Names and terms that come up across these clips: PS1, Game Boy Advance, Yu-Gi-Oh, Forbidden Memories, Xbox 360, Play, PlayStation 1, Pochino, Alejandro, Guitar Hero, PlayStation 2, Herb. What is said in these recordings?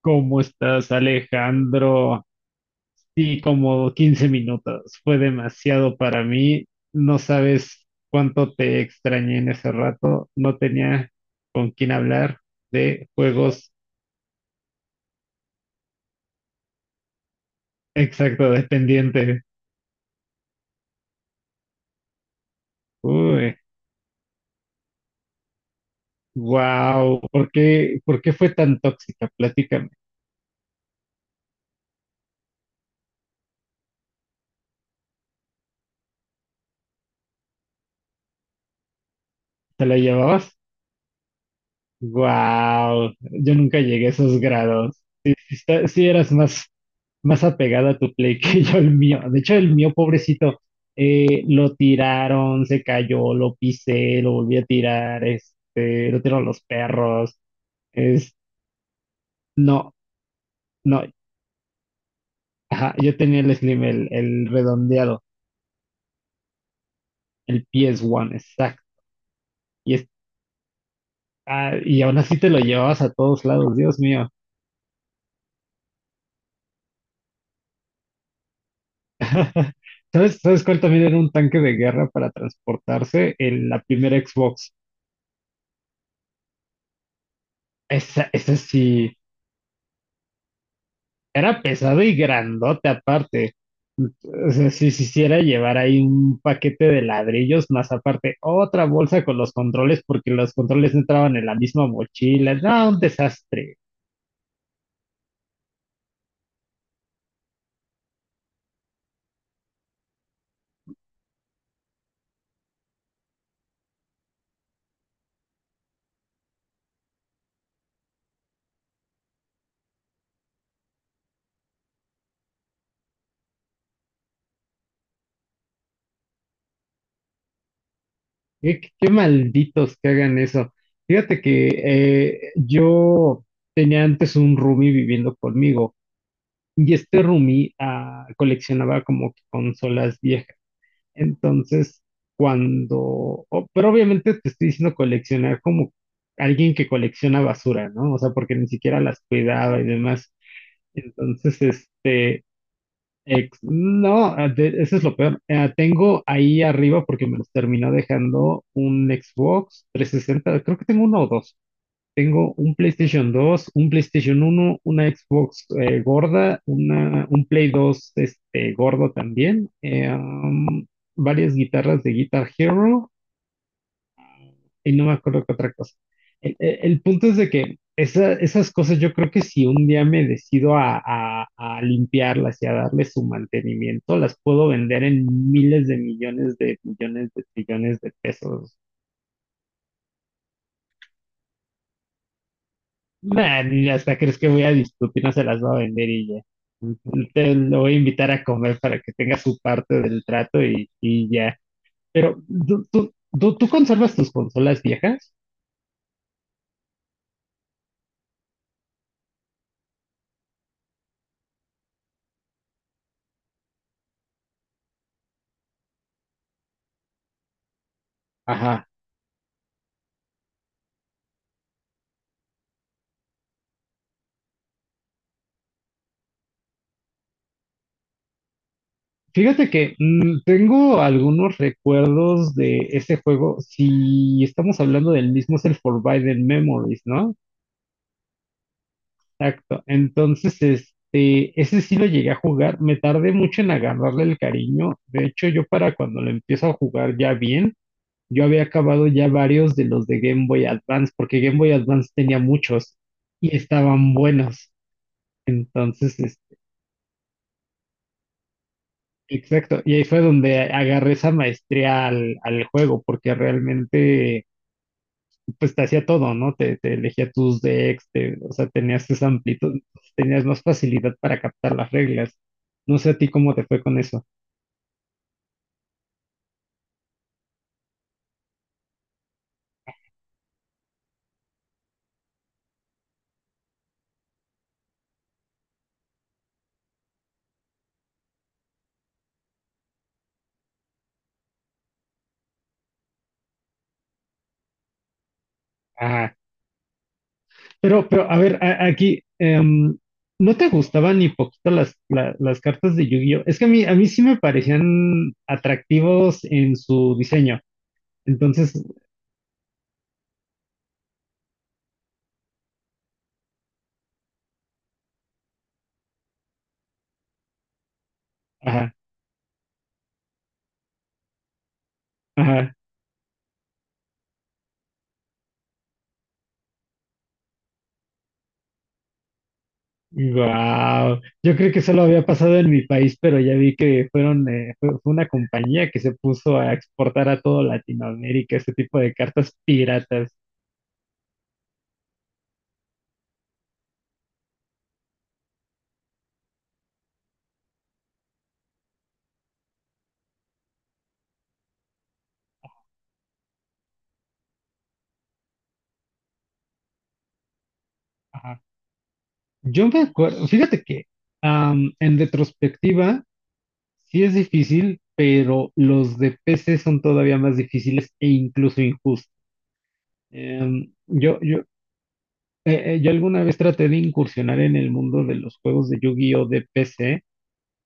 ¿Cómo estás, Alejandro? Sí, como 15 minutos. Fue demasiado para mí. No sabes cuánto te extrañé en ese rato. No tenía con quién hablar de juegos exacto dependiente. Uy, wow. ¿Por qué fue tan tóxica? Platícame. ¿Te la llevabas? Wow. Yo nunca llegué a esos grados. Sí, sí eras más más apegada a tu Play que yo el mío. De hecho, el mío, pobrecito, lo tiraron, se cayó, lo pisé, lo volví a tirar, lo tiraron los perros. Es, no, no, ajá, yo tenía el Slim, el redondeado, el PS1, exacto. Y, es- y aún así te lo llevabas a todos lados, Dios mío. ¿Sabes cuál también era un tanque de guerra para transportarse? La primera Xbox. Esa sí, era pesado y grandote aparte. O sea, si se hiciera llevar ahí un paquete de ladrillos, más aparte otra bolsa con los controles, porque los controles no entraban en la misma mochila. No, un desastre. Qué, qué malditos que hagan eso. Fíjate que yo tenía antes un roomie viviendo conmigo y este roomie coleccionaba como que consolas viejas. Entonces, cuando, pero obviamente te estoy diciendo coleccionar como alguien que colecciona basura, ¿no? O sea, porque ni siquiera las cuidaba y demás. Entonces, este, ex- no, ah, de- eso es lo peor. Ah, tengo ahí arriba, porque me los terminó dejando un Xbox 360, creo que tengo uno o dos. Tengo un PlayStation 2, un PlayStation 1, una Xbox gorda, un Play 2 gordo también, varias guitarras de Guitar Hero y no me acuerdo qué otra cosa. El punto es de que esas cosas yo creo que si un día me decido a, a limpiarlas y a darle su mantenimiento, las puedo vender en miles de millones de millones de trillones de pesos. Nah, ni hasta crees que voy a discutir, no se las va a vender y ya. Te lo voy a invitar a comer para que tenga su parte del trato y ya. Pero, ¿tú, tú, tú conservas tus consolas viejas? Ajá. Fíjate que tengo algunos recuerdos de ese juego. Si estamos hablando del mismo, es el Forbidden Memories, ¿no? Exacto. Entonces, ese sí lo llegué a jugar. Me tardé mucho en agarrarle el cariño. De hecho, yo para cuando lo empiezo a jugar ya bien, yo había acabado ya varios de los de Game Boy Advance, porque Game Boy Advance tenía muchos y estaban buenos. Entonces, exacto. Y ahí fue donde agarré esa maestría al juego, porque realmente, pues te hacía todo, ¿no? Te elegía tus decks, o sea, tenías esa amplitud, tenías más facilidad para captar las reglas. No sé a ti cómo te fue con eso. A ver, aquí, ¿no te gustaban ni poquito las cartas de Yu-Gi-Oh? Es que a mí sí me parecían atractivos en su diseño. Entonces, ajá, ajá, wow. Yo creo que solo había pasado en mi país, pero ya vi que fueron, fue una compañía que se puso a exportar a todo Latinoamérica este tipo de cartas piratas. Ajá. Yo me acuerdo, fíjate que, en retrospectiva, sí es difícil, pero los de PC son todavía más difíciles e incluso injustos. Em, yo, yo, yo alguna vez traté de incursionar en el mundo de los juegos de Yu-Gi-Oh! De PC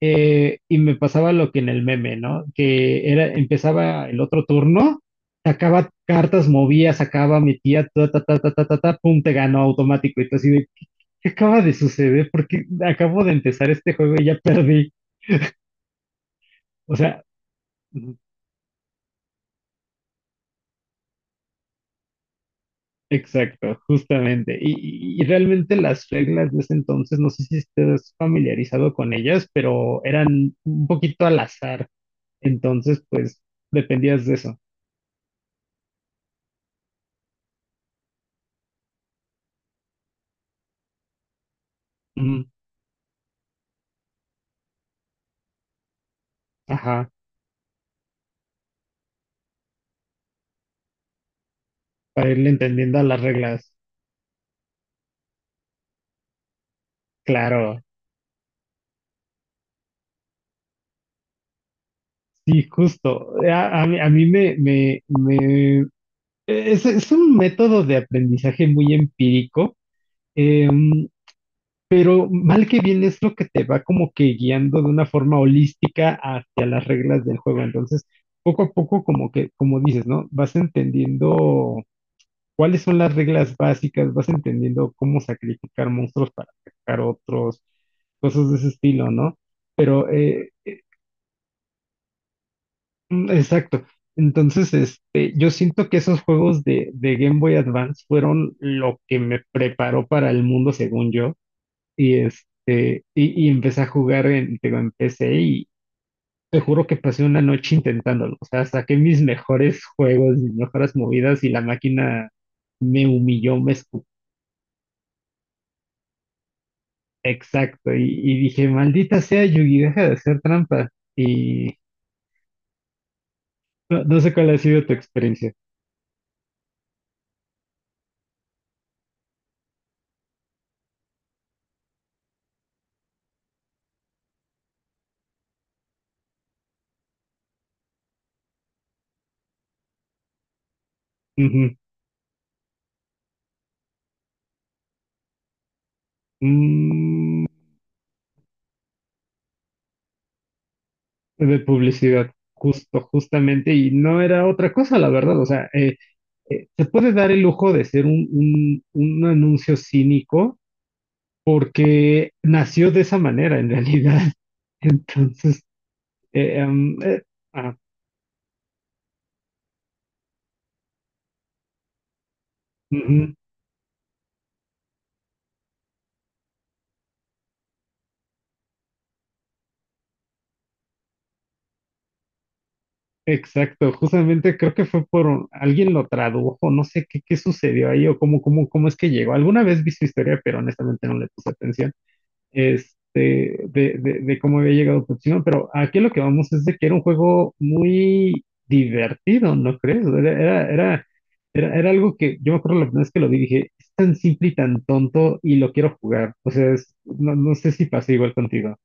y me pasaba lo que en el meme, ¿no? Que era, empezaba el otro turno, sacaba cartas, movía, sacaba, metía, ta, ta, ta, ta, ta, ta, ta, pum, te ganó automático. Y tú así de, ¿qué acaba de suceder? Porque acabo de empezar este juego y ya perdí. O sea... Exacto, justamente. Y realmente las reglas de ese entonces, no sé si estés familiarizado con ellas, pero eran un poquito al azar. Entonces, pues, dependías de eso. Ujú, ajá, para irle entendiendo a las reglas. Claro, sí, justo. A mí me, me, me... es un método de aprendizaje muy empírico. Em, Pero mal que bien es lo que te va como que guiando de una forma holística hacia las reglas del juego. Entonces, poco a poco, como que, como dices, ¿no? Vas entendiendo cuáles son las reglas básicas, vas entendiendo cómo sacrificar monstruos para sacar otros, cosas de ese estilo, ¿no? Pero, exacto. Entonces, yo siento que esos juegos de Game Boy Advance fueron lo que me preparó para el mundo, según yo. Y empecé a jugar en, digo, en PC y te juro que pasé una noche intentándolo. O sea, saqué mis mejores juegos, mis mejores movidas y la máquina me humilló, me escupió. Exacto. Y dije, maldita sea, Yugi, deja de hacer trampa. Y no, no sé cuál ha sido tu experiencia. Ujú. Mm, de publicidad. Justo, justamente, y no era otra cosa, la verdad. O sea, se puede dar el lujo de ser un anuncio cínico porque nació de esa manera en realidad. Entonces, eh, em, eh, ah, ujú, exacto, justamente creo que fue por alguien lo tradujo, no sé qué, qué sucedió ahí o cómo, cómo, cómo es que llegó. Alguna vez vi su historia, pero honestamente no le puse atención. este, de cómo había llegado Pochino, pero aquí lo que vamos es de que era un juego muy divertido, ¿no crees? Era algo que yo me acuerdo la primera vez que lo vi, dije, es tan simple y tan tonto y lo quiero jugar. O sea, no, no sé si pasa igual contigo.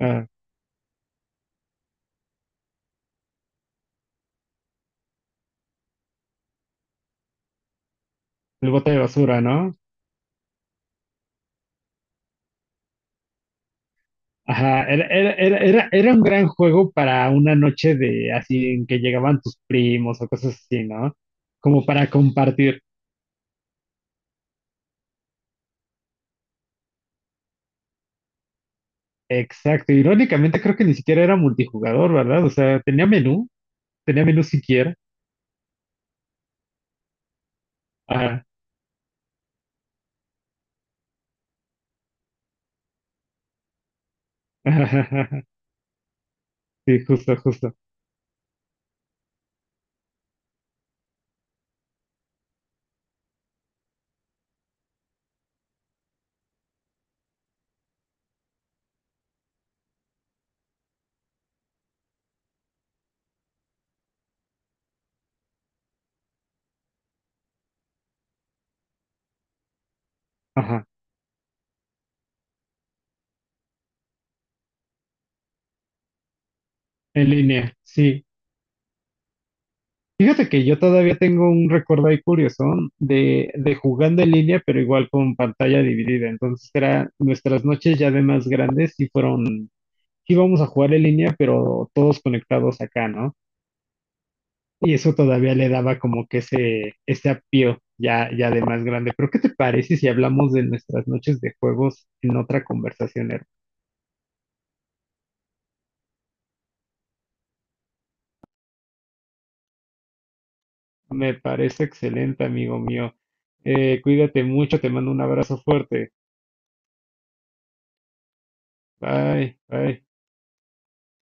Ah, el bote de basura, ¿no? Ajá, era un gran juego para una noche de así en que llegaban tus primos o cosas así, ¿no? Como para compartir. Exacto, irónicamente creo que ni siquiera era multijugador, ¿verdad? O sea, tenía menú siquiera. Ajá. Sí, justo, justo. Ajá. En línea, sí. Fíjate que yo todavía tengo un recuerdo ahí curioso de jugando en línea, pero igual con pantalla dividida. Entonces era nuestras noches ya de más grandes y fueron, íbamos a jugar en línea, pero todos conectados acá, ¿no? Y eso todavía le daba como que ese apío ya, ya de más grande. Pero ¿qué te parece si hablamos de nuestras noches de juegos en otra conversación, Herb? Me parece excelente, amigo mío. Cuídate mucho, te mando un abrazo fuerte. Bye, bye.